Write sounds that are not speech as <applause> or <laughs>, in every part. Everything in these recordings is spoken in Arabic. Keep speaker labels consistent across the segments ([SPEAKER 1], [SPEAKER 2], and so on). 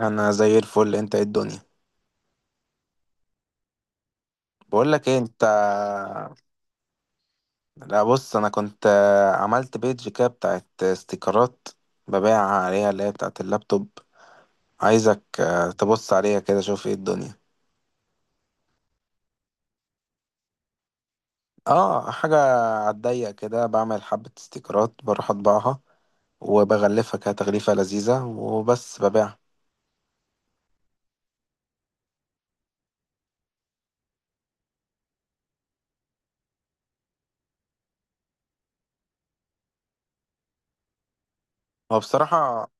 [SPEAKER 1] انا زي الفل. انت ايه الدنيا؟ بقول لك ايه انت؟ لا بص، انا كنت عملت بيج كده بتاعت استيكرات ببيع عليها، اللي هي بتاعت اللابتوب. عايزك تبص عليها كده، شوف ايه الدنيا. اه، حاجة. عالضيق كده بعمل حبة استيكرات، بروح اطبعها وبغلفها كده تغليفة لذيذة وبس ببيعها. هو بصراحة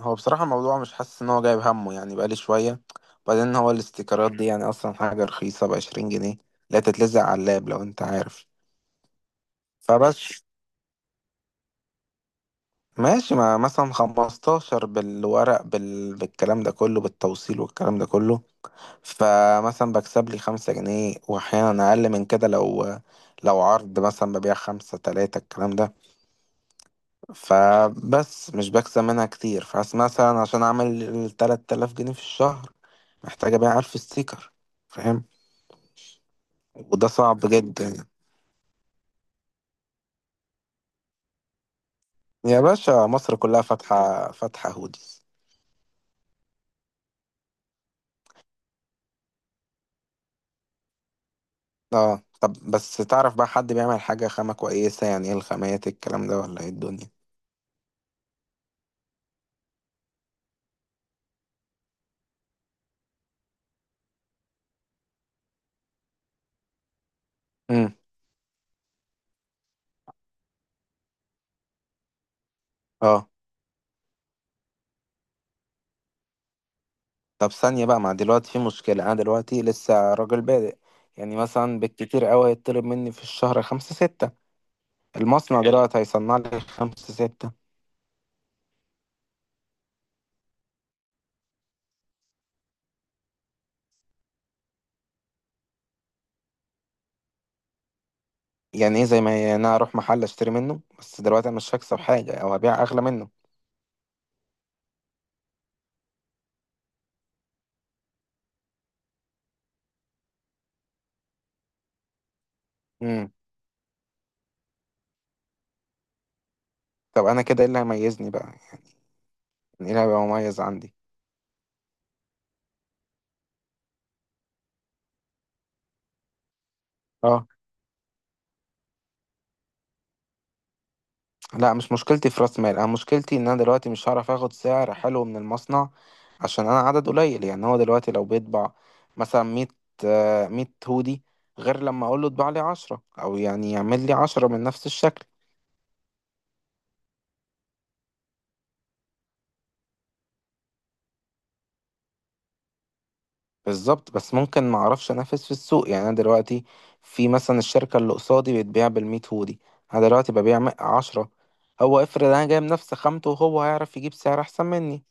[SPEAKER 1] هو بصراحة الموضوع مش حاسس ان هو جايب همه يعني، بقالي شوية. بعدين هو الاستيكرات دي يعني اصلا حاجة رخيصة، ب 20 جنيه. لا تتلزق على اللاب لو انت عارف. فبس، ماشي. ما مثلا 15 بالورق، بالكلام ده كله، بالتوصيل والكلام ده كله. فمثلا بكسب لي 5 جنيه، واحيانا اقل من كده، لو عرض مثلا ببيع 5 3 الكلام ده. فبس، مش بكسب منها كتير. فحس مثلا عشان اعمل ال 3000 جنيه في الشهر، محتاج ابيع 1000 ستيكر. فاهم؟ وده صعب جدا. يا باشا، مصر كلها فاتحة فاتحة هوديز. اه، طب بس تعرف بقى حد بيعمل حاجة خامة كويسة؟ يعني ايه الخامات، إيه الكلام ده، ولا ايه الدنيا؟ امم. اه، طب ثانية بقى، ما دلوقتي في مشكلة، انا دلوقتي لسه راجل بادئ. يعني مثلا بالكتير قوي هيطلب مني في الشهر 5 6. المصنع حلو، دلوقتي هيصنع لي 5 6؟ يعني ايه زي ما هي؟ يعني انا اروح محل اشتري منه، بس دلوقتي انا مش هكسب حاجه، او هبيع اغلى منه. امم. طب انا كده ايه اللي هيميزني بقى يعني، ايه اللي هيبقى مميز عندي؟ اه. لا مش مشكلتي في راس مال، انا مشكلتي ان انا دلوقتي مش هعرف اخد سعر حلو من المصنع، عشان انا عدد قليل. يعني هو دلوقتي لو بيطبع مثلا 100، 100 هودي، غير لما اقول له اطبع لي 10، او يعني يعمل لي 10 من نفس الشكل. بالظبط، بس ممكن ما اعرفش انافس في السوق. يعني انا دلوقتي في مثلا الشركه اللي قصادي بتبيع بال 100 هودي، انا دلوقتي ببيع عشرة. هو افرض انا جايب نفس خامته، وهو هيعرف يجيب سعر احسن مني.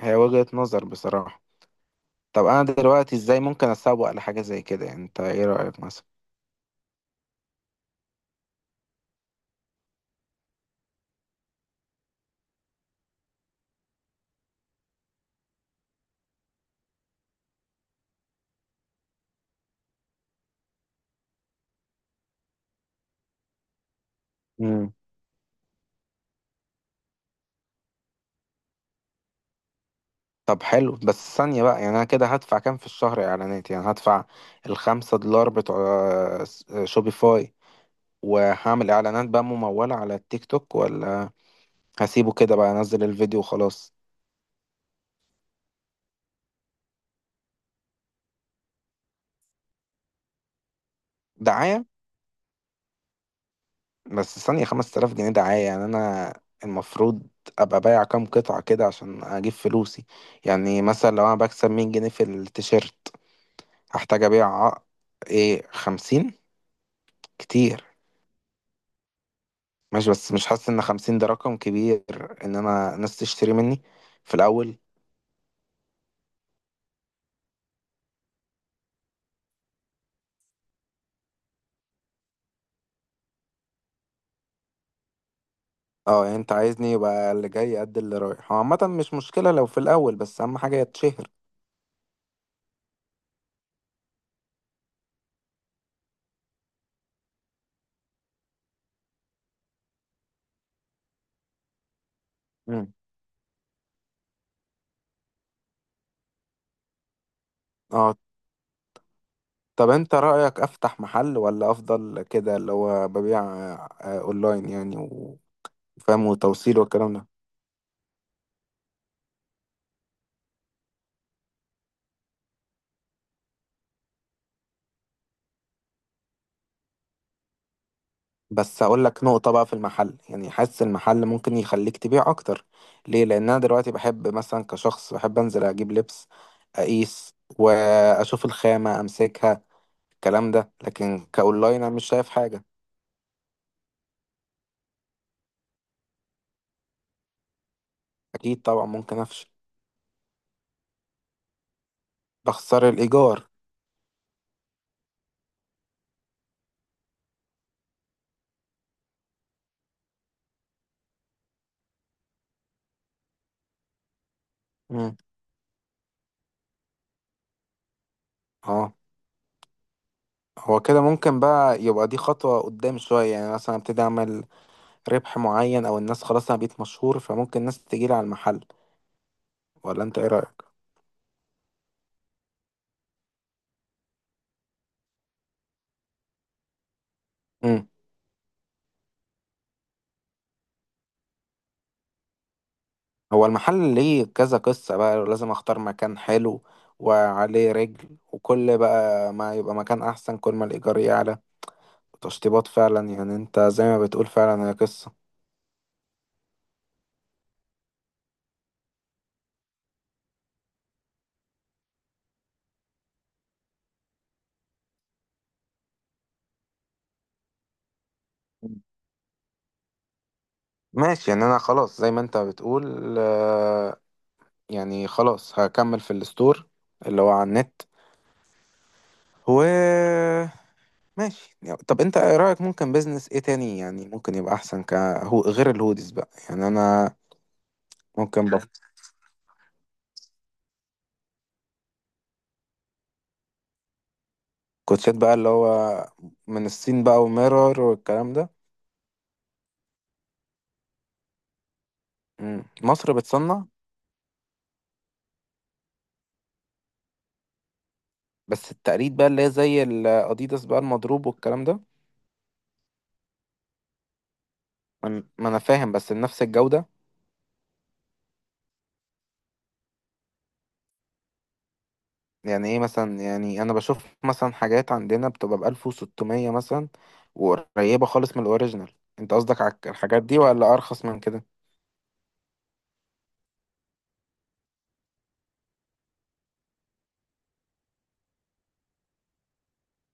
[SPEAKER 1] هي وجهة نظر بصراحه. طب انا دلوقتي ازاي ممكن اسوق لحاجه زي كده يعني؟ انت ايه رايك مثلا؟ امم. طب حلو، بس ثانيه بقى، يعني انا كده هدفع كام في الشهر اعلانات؟ يعني هدفع ال 5 دولار بتوع شوبيفاي، وهعمل اعلانات بقى ممولة على التيك توك، ولا هسيبه كده بقى انزل الفيديو وخلاص؟ دعاية. بس ثانية، 5000 جنيه دعاية؟ يعني انا المفروض ابقى بايع كام قطعة كده عشان اجيب فلوسي؟ يعني مثلا لو انا بكسب 100 جنيه في التيشيرت، هحتاج ابيع ايه، 50؟ كتير. ماشي، بس مش حاسس ان 50 ده رقم كبير، ان انا ناس تشتري مني في الاول. اه، يعني انت عايزني يبقى اللي جاي قد اللي رايح. هو عامة مش مشكلة لو في الاول، بس اهم حاجة يتشهر. مم. اه، طب انت رأيك افتح محل، ولا افضل كده اللي هو ببيع اونلاين يعني، وفاهم، وتوصيل والكلام ده؟ بس اقول لك نقطة بقى في المحل، يعني حاسس المحل ممكن يخليك تبيع اكتر. ليه؟ لان انا دلوقتي بحب مثلا كشخص، بحب انزل اجيب لبس، اقيس واشوف الخامة امسكها، الكلام ده. لكن كاونلاين انا مش شايف حاجة. اكيد طبعا ممكن افشل. بخسر الايجار. مم. اه، هو كده ممكن بقى، يبقى دي خطوة قدام شوية يعني، مثلا ابتدي اعمل ربح معين، او الناس خلاص انا بقيت مشهور فممكن الناس تجيلي على المحل. ولا انت ايه رأيك؟ امم. هو المحل ليه كذا قصة بقى، لازم اختار مكان حلو وعليه رجل، وكل بقى ما يبقى مكان احسن كل ما الايجار يعلى، تشطيبات. فعلا يعني انت زي ما بتقول، فعلا هي قصة. مم. ماشي، يعني انا خلاص زي ما انت بتقول يعني خلاص هكمل في الستور اللي هو على النت، و ماشي يعني. طب انت ايه رأيك ممكن بيزنس ايه تاني يعني، ممكن يبقى احسن هو غير الهوديز بقى يعني؟ انا ممكن بقى كوتشات <laughs> بقى، اللي هو من الصين بقى وميرور والكلام ده؟ مم. مصر بتصنع. بس التقليد بقى اللي هي زي الاديداس بقى، المضروب والكلام ده. ما انا فاهم، بس نفس الجودة. يعني ايه مثلا؟ يعني انا بشوف مثلا حاجات عندنا بتبقى ب 1600 مثلا، وقريبة خالص من الاوريجينال. انت قصدك على الحاجات دي ولا ارخص من كده؟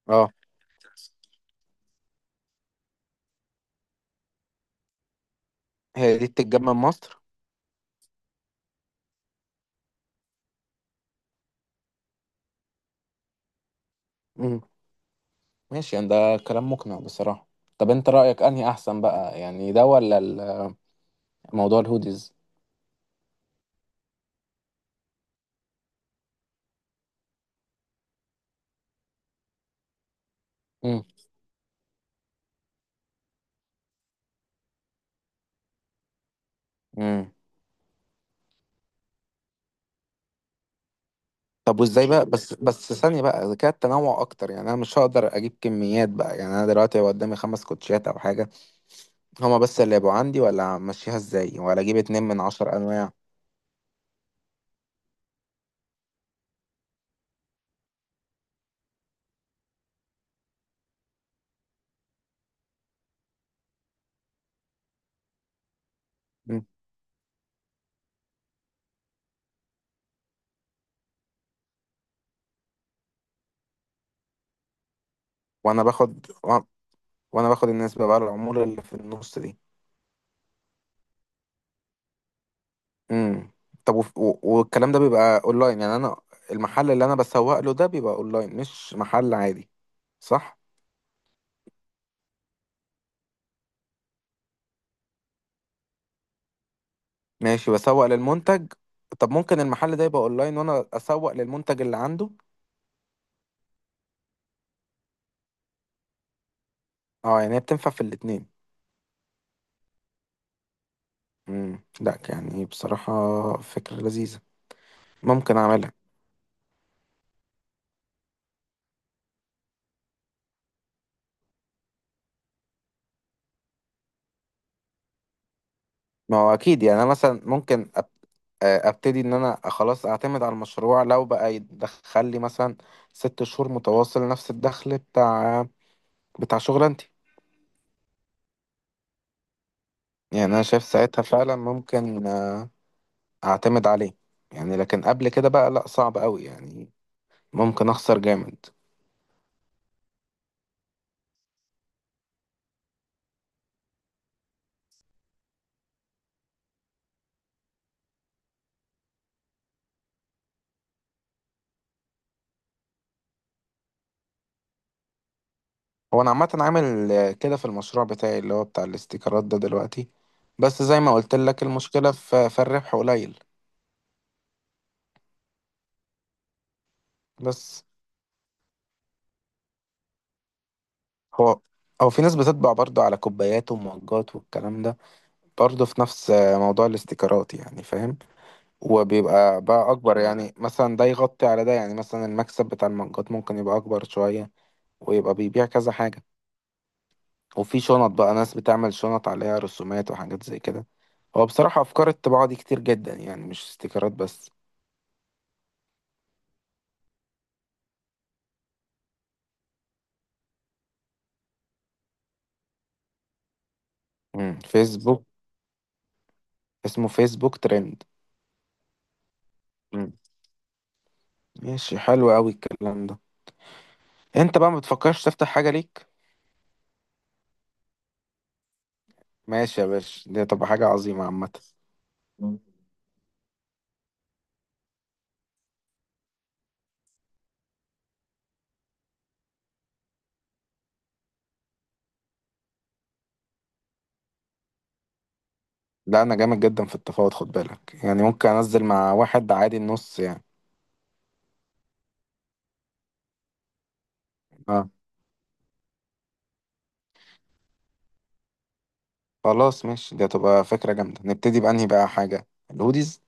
[SPEAKER 1] اه. هي دي بتتجاب من مصر؟ ماشي يعني، ده كلام مقنع بصراحة. طب انت رأيك انهي احسن بقى يعني، ده ولا موضوع الهوديز؟ امم. امم. طب وازاي بقى، بس ثانية بقى، اذا كان التنوع اكتر، يعني انا مش هقدر اجيب كميات بقى، يعني انا دلوقتي هيبقى قدامي 5 كوتشيات او حاجة، هما بس اللي يبقوا عندي؟ ولا امشيها ازاي، ولا اجيب 2 من 10 أنواع؟ مم. وانا باخد و- وانا باخد النسبة بقى، الامور اللي في النص دي. امم. طب والكلام ده بيبقى اونلاين يعني، انا المحل اللي انا بسوق له ده بيبقى اونلاين، مش محل عادي، صح؟ ماشي، بسوق للمنتج. طب ممكن المحل ده يبقى اونلاين وانا اسوق للمنتج اللي عنده؟ اه يعني، هي بتنفع في الاتنين. امم. لا يعني بصراحة فكرة لذيذة، ممكن اعملها. ما هو اكيد يعني، انا مثلا ممكن أب... آه، ابتدي ان انا خلاص اعتمد على المشروع لو بقى يدخل لي مثلا 6 شهور متواصل نفس الدخل بتاع شغلانتي. يعني انا شايف ساعتها فعلا ممكن اعتمد عليه. يعني لكن قبل كده بقى لا، صعب قوي يعني، ممكن اخسر جامد. هو انا عامه عامل كده في المشروع بتاعي اللي هو بتاع الاستيكرات ده دلوقتي، بس زي ما قلت لك المشكله في الربح قليل. بس هو او في ناس بتطبع برضه على كوبايات ومجات والكلام ده، برضه في نفس موضوع الاستيكرات، يعني فاهم. وبيبقى بقى اكبر، يعني مثلا ده يغطي على ده، يعني مثلا المكسب بتاع المجات ممكن يبقى اكبر شويه، ويبقى بيبيع كذا حاجة. وفي شنط بقى، ناس بتعمل شنط عليها رسومات وحاجات زي كده. هو بصراحة أفكار الطباعة دي كتير جدا، يعني مش استيكرات بس. مم. فيسبوك. اسمه فيسبوك ترند؟ مم. ماشي، حلو أوي الكلام ده. أنت بقى ما بتفكرش تفتح حاجة ليك؟ ماشي يا باشا، دي هتبقى حاجة عظيمة عامة. مم. لا، أنا جامد جدا في التفاوض، خد بالك، يعني ممكن أنزل مع واحد عادي النص يعني. اه. خلاص ماشي، دي هتبقى فكرة جامدة. نبتدي بأنهي بقى حاجة، الهوديز؟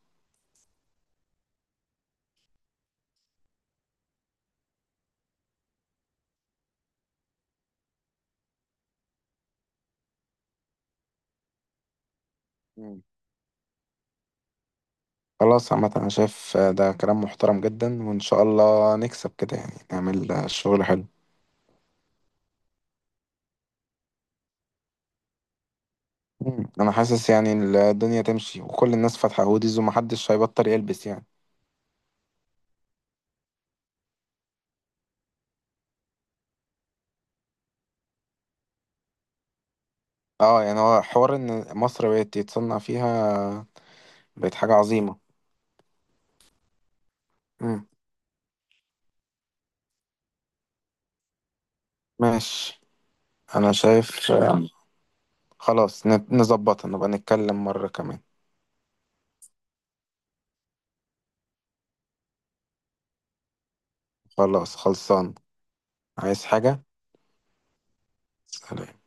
[SPEAKER 1] خلاص عامة، أنا شايف ده كلام محترم جدا، وإن شاء الله نكسب كده يعني، نعمل شغل حلو. مم. أنا حاسس يعني الدنيا تمشي، وكل الناس فاتحة هوديز ومحدش هيبطل يلبس يعني. اه يعني، هو حوار إن مصر بقت يتصنع فيها بقت حاجة عظيمة. مم. ماشي. أنا شايف خلاص نظبطها، نبقى نتكلم مرة كمان. خلاص خلصان. عايز حاجة؟ سلام.